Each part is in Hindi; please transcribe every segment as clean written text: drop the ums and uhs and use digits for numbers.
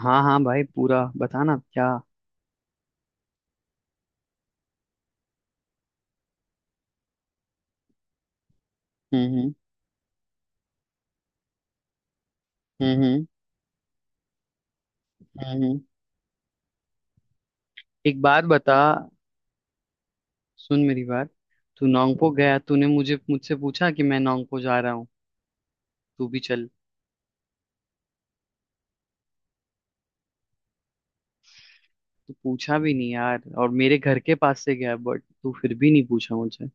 हाँ हाँ, भाई, पूरा बताना क्या। हम्म। हम्म। हम्म। हम्म। हम्म। हम्म। एक बात बता। सुन मेरी बात, तू नोंगपो गया, तूने मुझे मुझसे पूछा कि मैं नोंगपो जा रहा हूँ, तू भी चल। तू पूछा भी नहीं यार, और मेरे घर के पास से गया, बट तू फिर भी नहीं पूछा मुझे।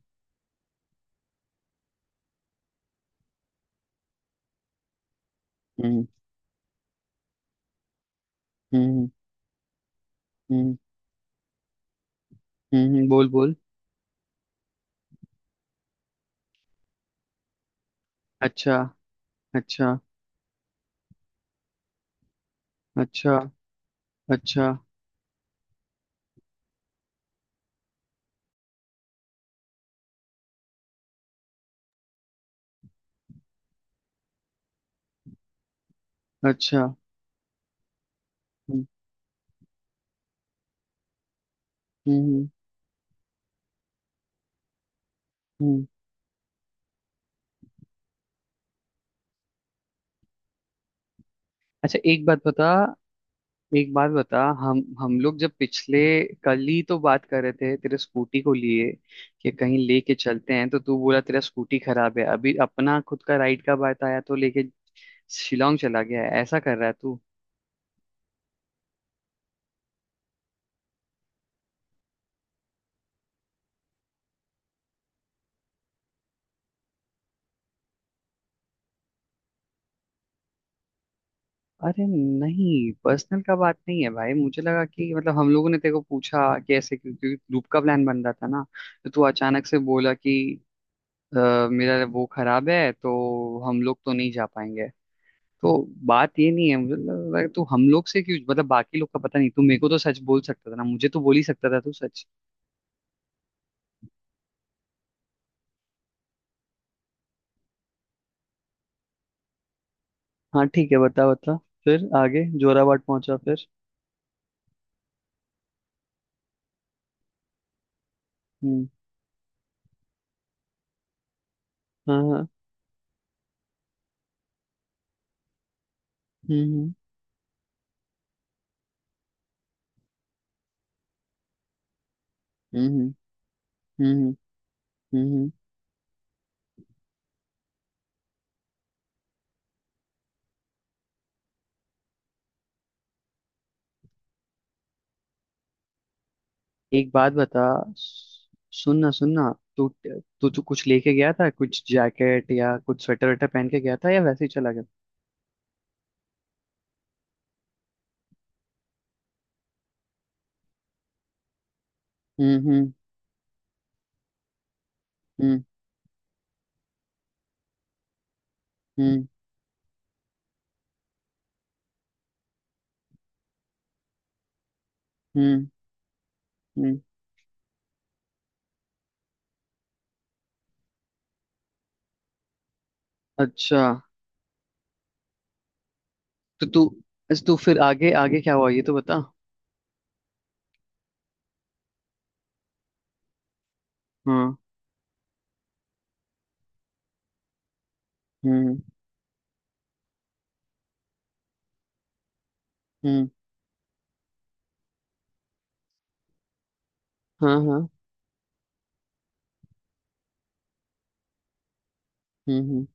हम्म। हम्म। हम्म। हम्म। बोल बोल। अच्छा। अच्छा। अच्छा। अच्छा। अच्छा। हम्म। हम्म। हम्म। हम्म। अच्छा, एक बात बता। एक बात बता, हम लोग जब पिछले कल ही तो बात कर रहे थे तेरे स्कूटी को लिए कि कहीं लेके चलते हैं, तो तू बोला तेरा स्कूटी खराब है अभी। अपना खुद का राइड का बात आया तो लेके शिलोंग चला गया है, ऐसा कर रहा है तू। अरे नहीं, पर्सनल का बात नहीं है भाई। मुझे लगा कि मतलब हम लोगों ने तेरे को पूछा कि क्योंकि ग्रुप का प्लान बन रहा था ना, तो तू अचानक से बोला कि "अ, मेरा वो खराब है तो हम लोग तो नहीं जा पाएंगे।" तो बात ये नहीं है, मुझे लग रहा है तो हम लोग से क्यों? मतलब बाकी लोग का पता नहीं, तू मेरे को तो सच बोल सकता था ना, मुझे तो बोल ही सकता था तू सच। हाँ ठीक है, बता बता। फिर आगे जोराबाट पहुंचा, फिर? हम्म। हाँ हाँ। हम्म। हम्म। हम्म। हम्म। हम्म। हम्म। हम्म, हम्म। एक बात बता। सु- सुन ना, सुन ना। तू तू तू कुछ लेके गया था? कुछ जैकेट या कुछ स्वेटर वेटर पहन के गया था, या वैसे ही चला गया? हम्म। हम्म। हम्म। हम्म। हम्म। हम्म। अच्छा तो तू अच्छा, तू फिर, आगे आगे क्या हुआ ये तो बता। हाँ। हम्म। हम्म। हाँ हाँ। हम्म। हम्म।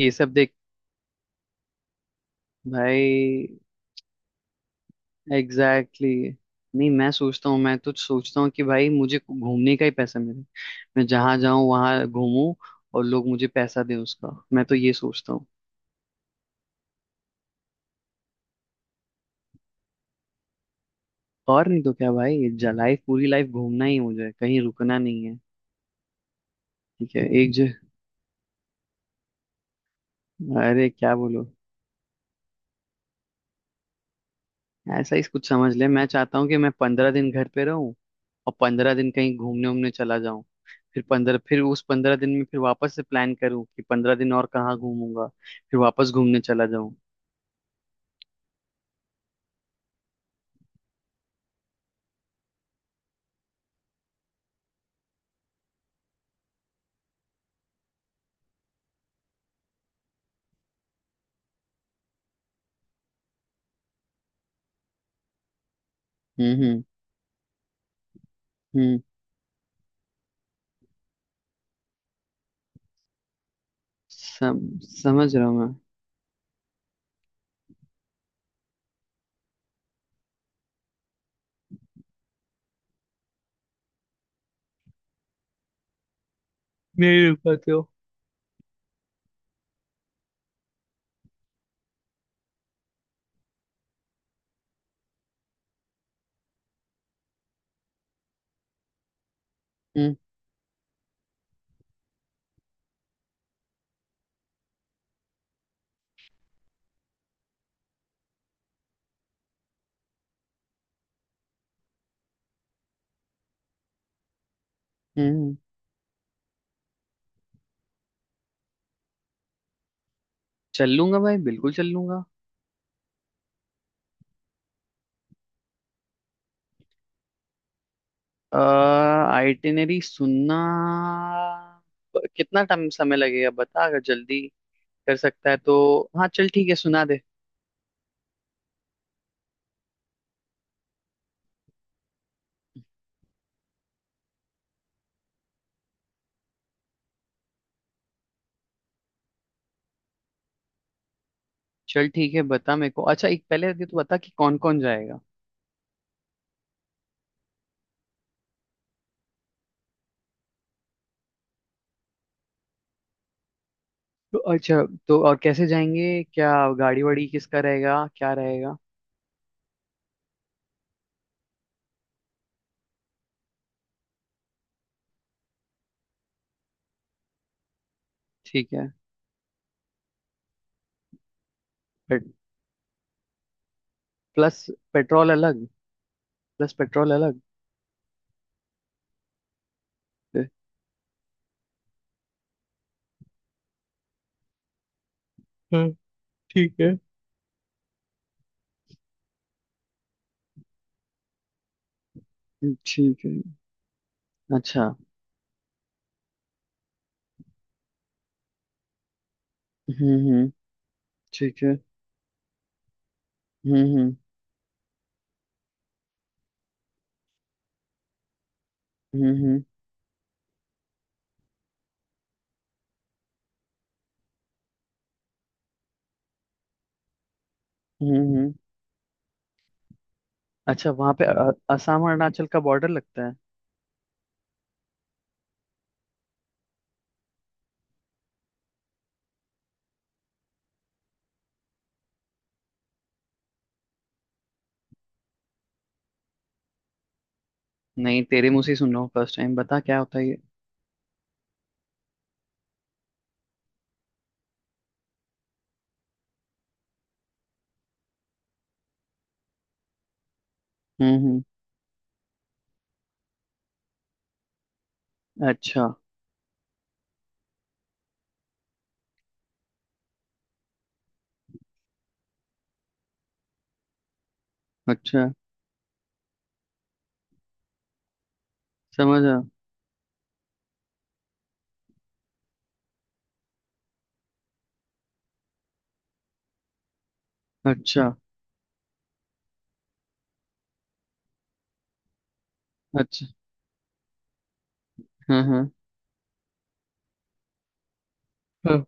ये सब देख भाई। Exactly exactly। नहीं मैं सोचता हूँ, मैं तो सोचता हूँ कि भाई मुझे घूमने का ही पैसा मिले, मैं जहां जाऊं वहां घूमूं, और लोग मुझे पैसा दें। उसका मैं तो ये सोचता हूँ। और नहीं तो क्या भाई, लाइफ पूरी लाइफ घूमना ही है, मुझे कहीं रुकना नहीं है, ठीक है एक जगह। अरे क्या बोलो। ऐसा ही कुछ समझ ले, मैं चाहता हूँ कि मैं 15 दिन घर पे रहूं और 15 दिन कहीं घूमने उमने चला जाऊं। फिर उस 15 दिन में फिर वापस से प्लान करूं कि 15 दिन और कहाँ घूमूंगा, फिर वापस घूमने चला जाऊं। हम्म। हम्म। हम्म। समझ रहा हूँ मैं। नहीं रुक पाते हो। हम्म। हम्म। चल लूंगा भाई, बिल्कुल चल लूंगा। आइटिनरी सुनना। कितना टाइम समय लगेगा बता। अगर जल्दी कर सकता है तो हाँ, चल ठीक है, सुना दे। चल ठीक है, बता मेरे को। अच्छा, एक पहले ये तो बता कि कौन कौन जाएगा? तो अच्छा, तो और कैसे जाएंगे क्या? गाड़ी वाड़ी किसका रहेगा, क्या रहेगा? ठीक है। पे, प्लस पेट्रोल अलग। प्लस पेट्रोल अलग हम्म। ठीक है। ठीक है। अच्छा। हम्म। हम्म। ठीक है। हम्म। हम्म। हम्म। हम्म। हम्म। हम्म। अच्छा, वहां पे असम और अरुणाचल का बॉर्डर लगता है? नहीं, तेरे मुंह से ही सुन रहा हूँ फर्स्ट टाइम, बता क्या होता है ये। हम्म। हम्म। अच्छा। अच्छा। समझा। अच्छा। अच्छा। हाँ हाँ। हाँ,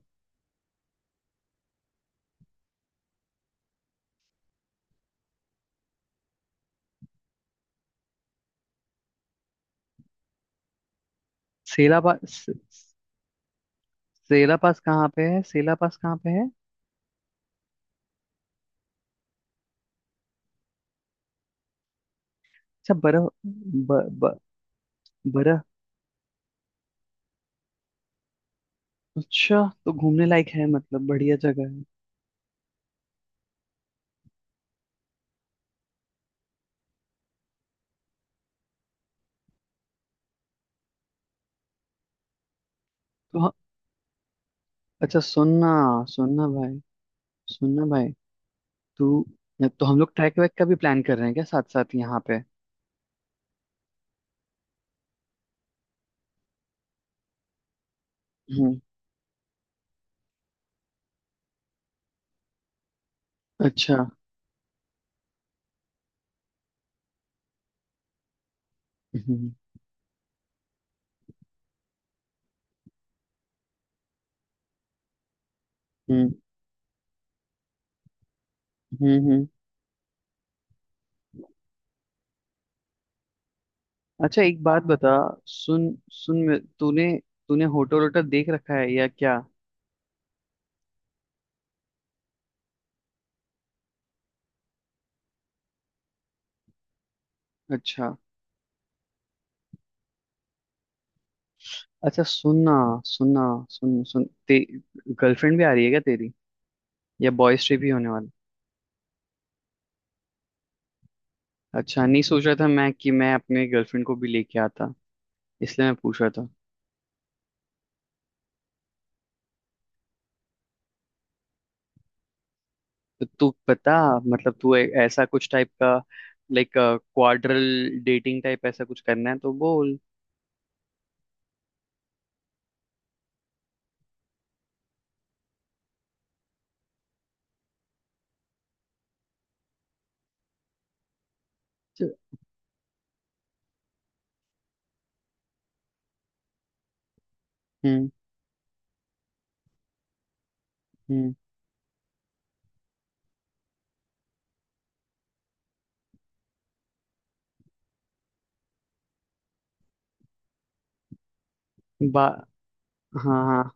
सेला पास? सेला पास कहाँ पे है? सेला पास कहाँ पे है? अच्छा, बरह ब, ब, बरह। अच्छा तो घूमने लायक है, मतलब बढ़िया जगह है? तो हाँ। अच्छा सुनना। सुनना भाई, सुनना भाई। तू, तो हम लोग ट्रैक वैक का भी प्लान कर रहे हैं क्या साथ साथ यहाँ पे? हम्म। अच्छा। हम्म। हम्म। हम्म। हम्म। अच्छा, एक बात बता। सुन सुन, तूने तूने होटल वोटल देख रखा है या क्या? अच्छा। अच्छा सुनना। सुनना, सुन सुन ते गर्लफ्रेंड भी आ रही है क्या तेरी? या बॉयज ट्रिप ही होने वाला? अच्छा नहीं, सोच रहा था मैं कि मैं अपने गर्लफ्रेंड को भी लेके आता, इसलिए मैं पूछ रहा था। तो तू, पता, मतलब तू ऐसा कुछ टाइप का, लाइक क्वाड्रल डेटिंग टाइप, ऐसा कुछ करना है तो बोल। च- हम्म। हम्म। बा हाँ हाँ।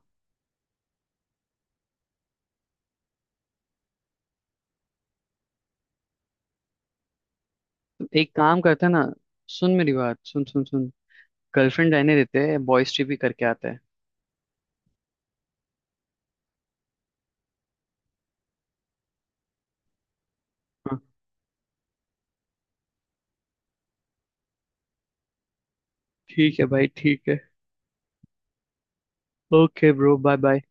तो एक काम करते हैं ना। सुन मेरी बात, सुन सुन सुन। गर्लफ्रेंड रहने देते हैं, बॉयज ट्रिप ही करके आता है। हाँ ठीक है भाई, ठीक है। Okay bro, bye bye.